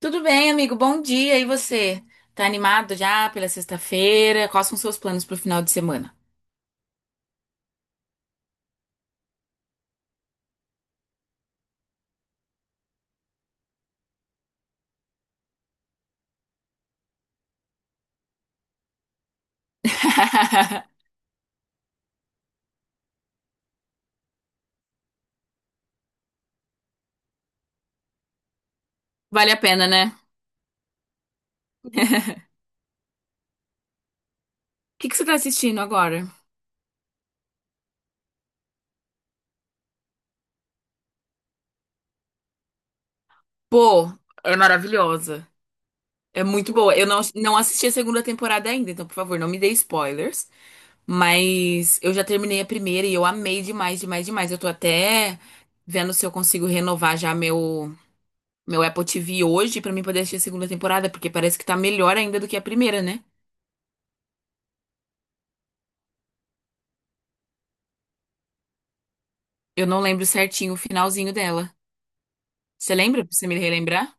Tudo bem, amigo? Bom dia. E você? Tá animado já pela sexta-feira? Quais são seus planos pro final de semana? Vale a pena, né? O que você tá assistindo agora? Pô, é maravilhosa. É muito boa. Eu não assisti a segunda temporada ainda, então, por favor, não me dê spoilers. Mas eu já terminei a primeira e eu amei demais, demais, demais. Eu tô até vendo se eu consigo renovar já meu Apple TV hoje pra mim poder assistir a segunda temporada, porque parece que tá melhor ainda do que a primeira, né? Eu não lembro certinho o finalzinho dela. Você lembra? Pra você me relembrar?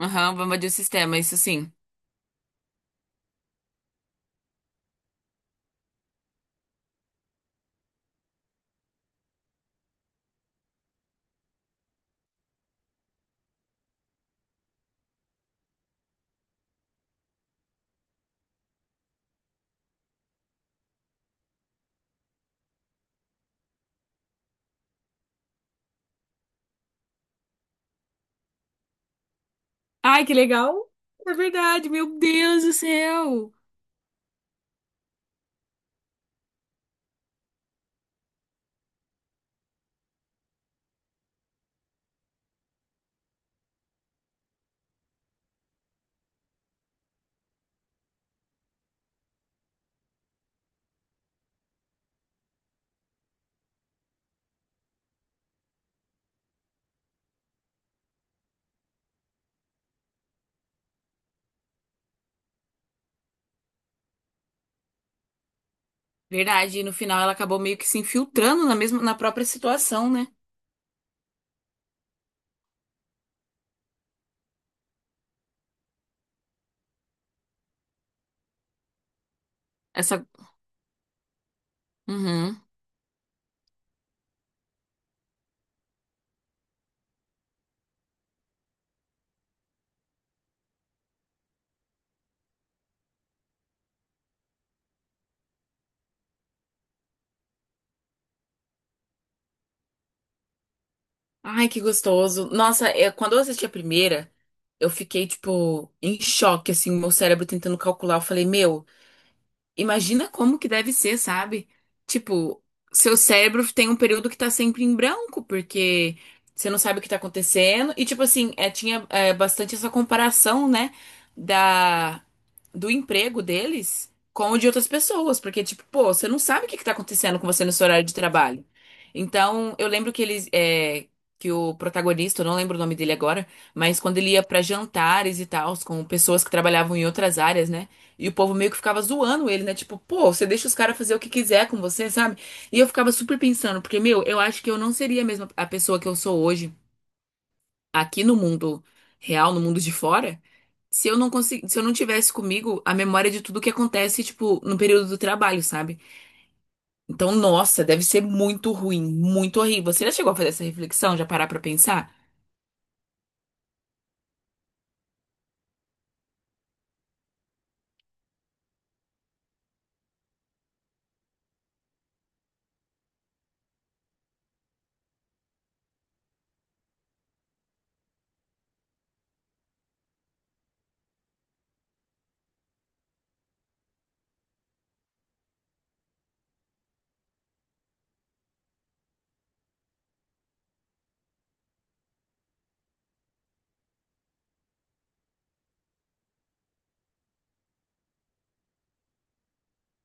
Aham, vamos de sistema, isso sim. Ai, que legal! É verdade, meu Deus do céu! Verdade, e no final ela acabou meio que se infiltrando na mesma, na própria situação, né? Essa. Uhum. Ai, que gostoso. Nossa, quando eu assisti a primeira, eu fiquei, tipo, em choque, assim, meu cérebro tentando calcular. Eu falei, meu. Imagina como que deve ser, sabe? Tipo, seu cérebro tem um período que tá sempre em branco, porque você não sabe o que tá acontecendo. E, tipo assim, tinha bastante essa comparação, né? Da, do emprego deles com o de outras pessoas. Porque, tipo, pô, você não sabe o que tá acontecendo com você no seu horário de trabalho. Então, eu lembro que eles, que o protagonista, eu não lembro o nome dele agora, mas quando ele ia pra jantares e tal, com pessoas que trabalhavam em outras áreas, né? E o povo meio que ficava zoando ele, né? Tipo, pô, você deixa os caras fazer o que quiser com você, sabe? E eu ficava super pensando, porque, meu, eu acho que eu não seria a mesma a pessoa que eu sou hoje, aqui no mundo real, no mundo de fora, se eu não tivesse comigo a memória de tudo que acontece, tipo, no período do trabalho, sabe? Então, nossa, deve ser muito ruim, muito horrível. Você já chegou a fazer essa reflexão, já parar pra pensar?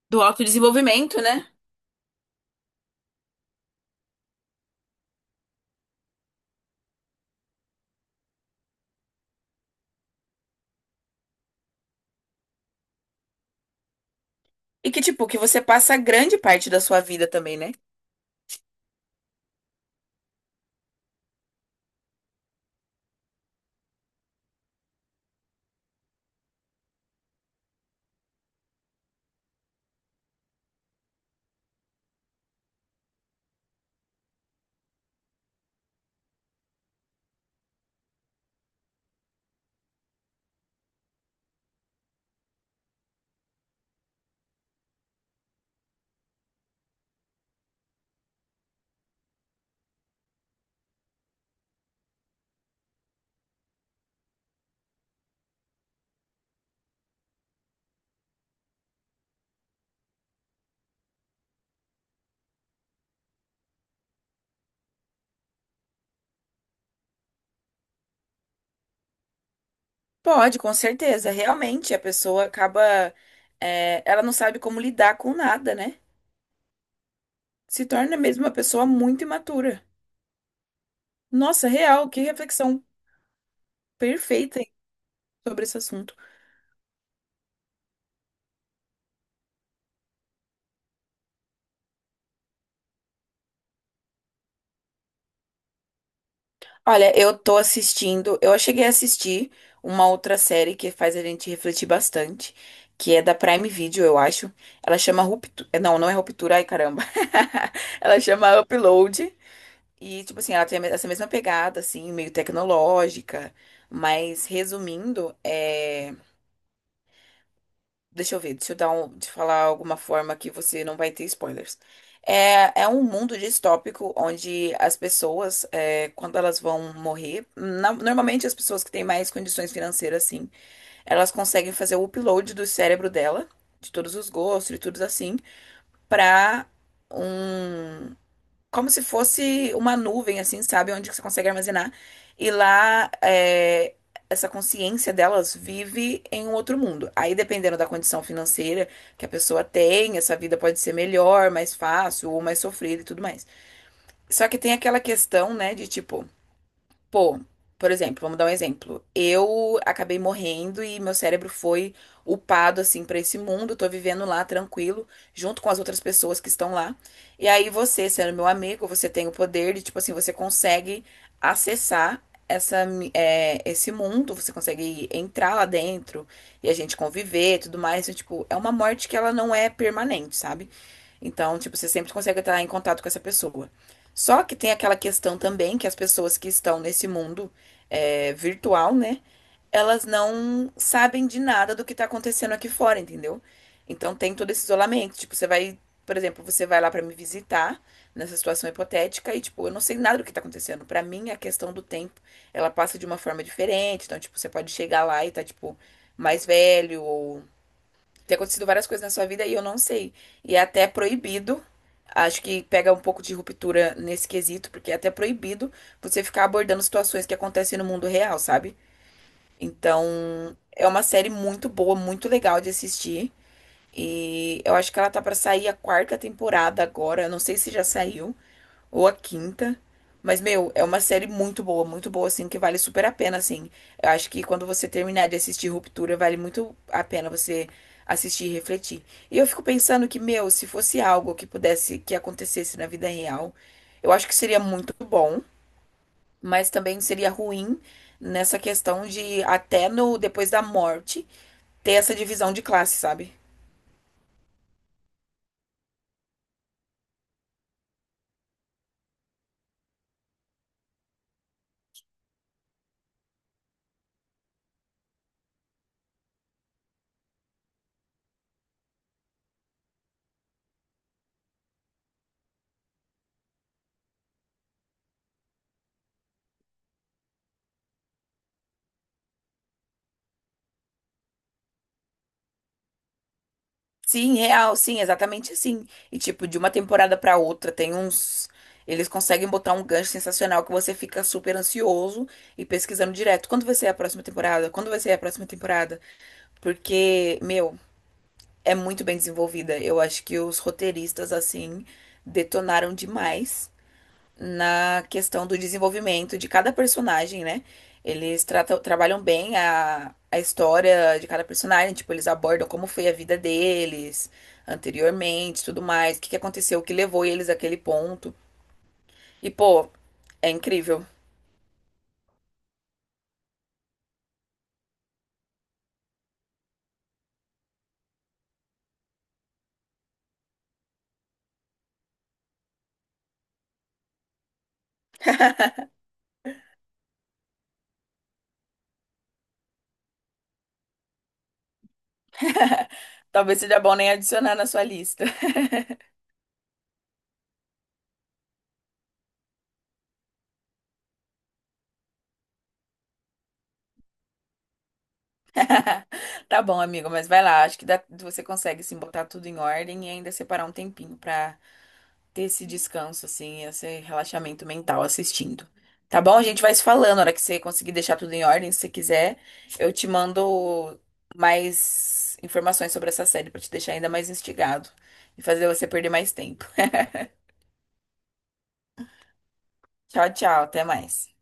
Do autodesenvolvimento, né? E que, tipo, que você passa grande parte da sua vida também, né? Pode, com certeza. Realmente, a pessoa acaba. Ela não sabe como lidar com nada, né? Se torna mesmo uma pessoa muito imatura. Nossa, real, que reflexão perfeita sobre esse assunto. Olha, eu tô assistindo. Eu cheguei a assistir uma outra série que faz a gente refletir bastante, que é da Prime Video, eu acho. Ela chama Ruptura. Não é Ruptura, ai caramba. Ela chama Upload. E, tipo assim, ela tem essa mesma pegada, assim, meio tecnológica. Mas, resumindo, é... Deixa eu ver, deixa eu dar um... te falar alguma forma que você não vai ter spoilers. É, é um mundo distópico onde as pessoas, é, quando elas vão morrer, na- normalmente as pessoas que têm mais condições financeiras, assim, elas conseguem fazer o upload do cérebro dela, de todos os gostos e tudo assim, pra um como se fosse uma nuvem, assim, sabe? Onde você consegue armazenar. E lá, essa consciência delas vive em um outro mundo. Aí, dependendo da condição financeira que a pessoa tem, essa vida pode ser melhor, mais fácil ou mais sofrida e tudo mais. Só que tem aquela questão, né, de tipo. Pô, por exemplo, vamos dar um exemplo. Eu acabei morrendo e meu cérebro foi upado assim pra esse mundo, tô vivendo lá tranquilo, junto com as outras pessoas que estão lá. E aí você, sendo meu amigo, você tem o poder de, tipo assim, você consegue acessar esse mundo, você consegue entrar lá dentro e a gente conviver, e tudo mais. Então, tipo, é uma morte que ela não é permanente, sabe? Então, tipo, você sempre consegue estar em contato com essa pessoa. Só que tem aquela questão também que as pessoas que estão nesse mundo virtual, né? Elas não sabem de nada do que tá acontecendo aqui fora, entendeu? Então tem todo esse isolamento. Tipo, você vai, por exemplo, você vai lá pra me visitar nessa situação hipotética e, tipo, eu não sei nada do que tá acontecendo. Pra mim, a questão do tempo, ela passa de uma forma diferente. Então, tipo, você pode chegar lá e tá, tipo, mais velho ou tem acontecido várias coisas na sua vida e eu não sei. E é até proibido. Acho que pega um pouco de ruptura nesse quesito, porque é até proibido você ficar abordando situações que acontecem no mundo real, sabe? Então, é uma série muito boa, muito legal de assistir. E eu acho que ela tá pra sair a quarta temporada agora. Eu não sei se já saiu ou a quinta. Mas, meu, é uma série muito boa, assim, que vale super a pena, assim. Eu acho que quando você terminar de assistir Ruptura, vale muito a pena você assistir e refletir. E eu fico pensando que, meu, se fosse algo que pudesse, que acontecesse na vida real, eu acho que seria muito bom, mas também seria ruim nessa questão de, até no, depois da morte, ter essa divisão de classe, sabe? Sim, real, sim, exatamente assim. E tipo, de uma temporada pra outra tem uns eles conseguem botar um gancho sensacional que você fica super ansioso e pesquisando direto. Quando vai ser a próxima temporada? Quando vai ser a próxima temporada? Porque, meu, é muito bem desenvolvida. Eu acho que os roteiristas assim detonaram demais na questão do desenvolvimento de cada personagem, né? Eles tratam, trabalham bem a história de cada personagem, tipo, eles abordam como foi a vida deles anteriormente, tudo mais, o que aconteceu, o que levou eles àquele ponto. E, pô, é incrível. Talvez seja bom nem adicionar na sua lista. Tá bom, amigo, mas vai lá, acho que dá- você consegue sim botar tudo em ordem e ainda separar um tempinho pra ter esse descanso, assim, esse relaxamento mental assistindo. Tá bom? A gente vai se falando. Na hora que você conseguir deixar tudo em ordem, se você quiser, eu te mando mais informações sobre essa série pra te deixar ainda mais instigado e fazer você perder mais tempo. Tchau, tchau. Até mais.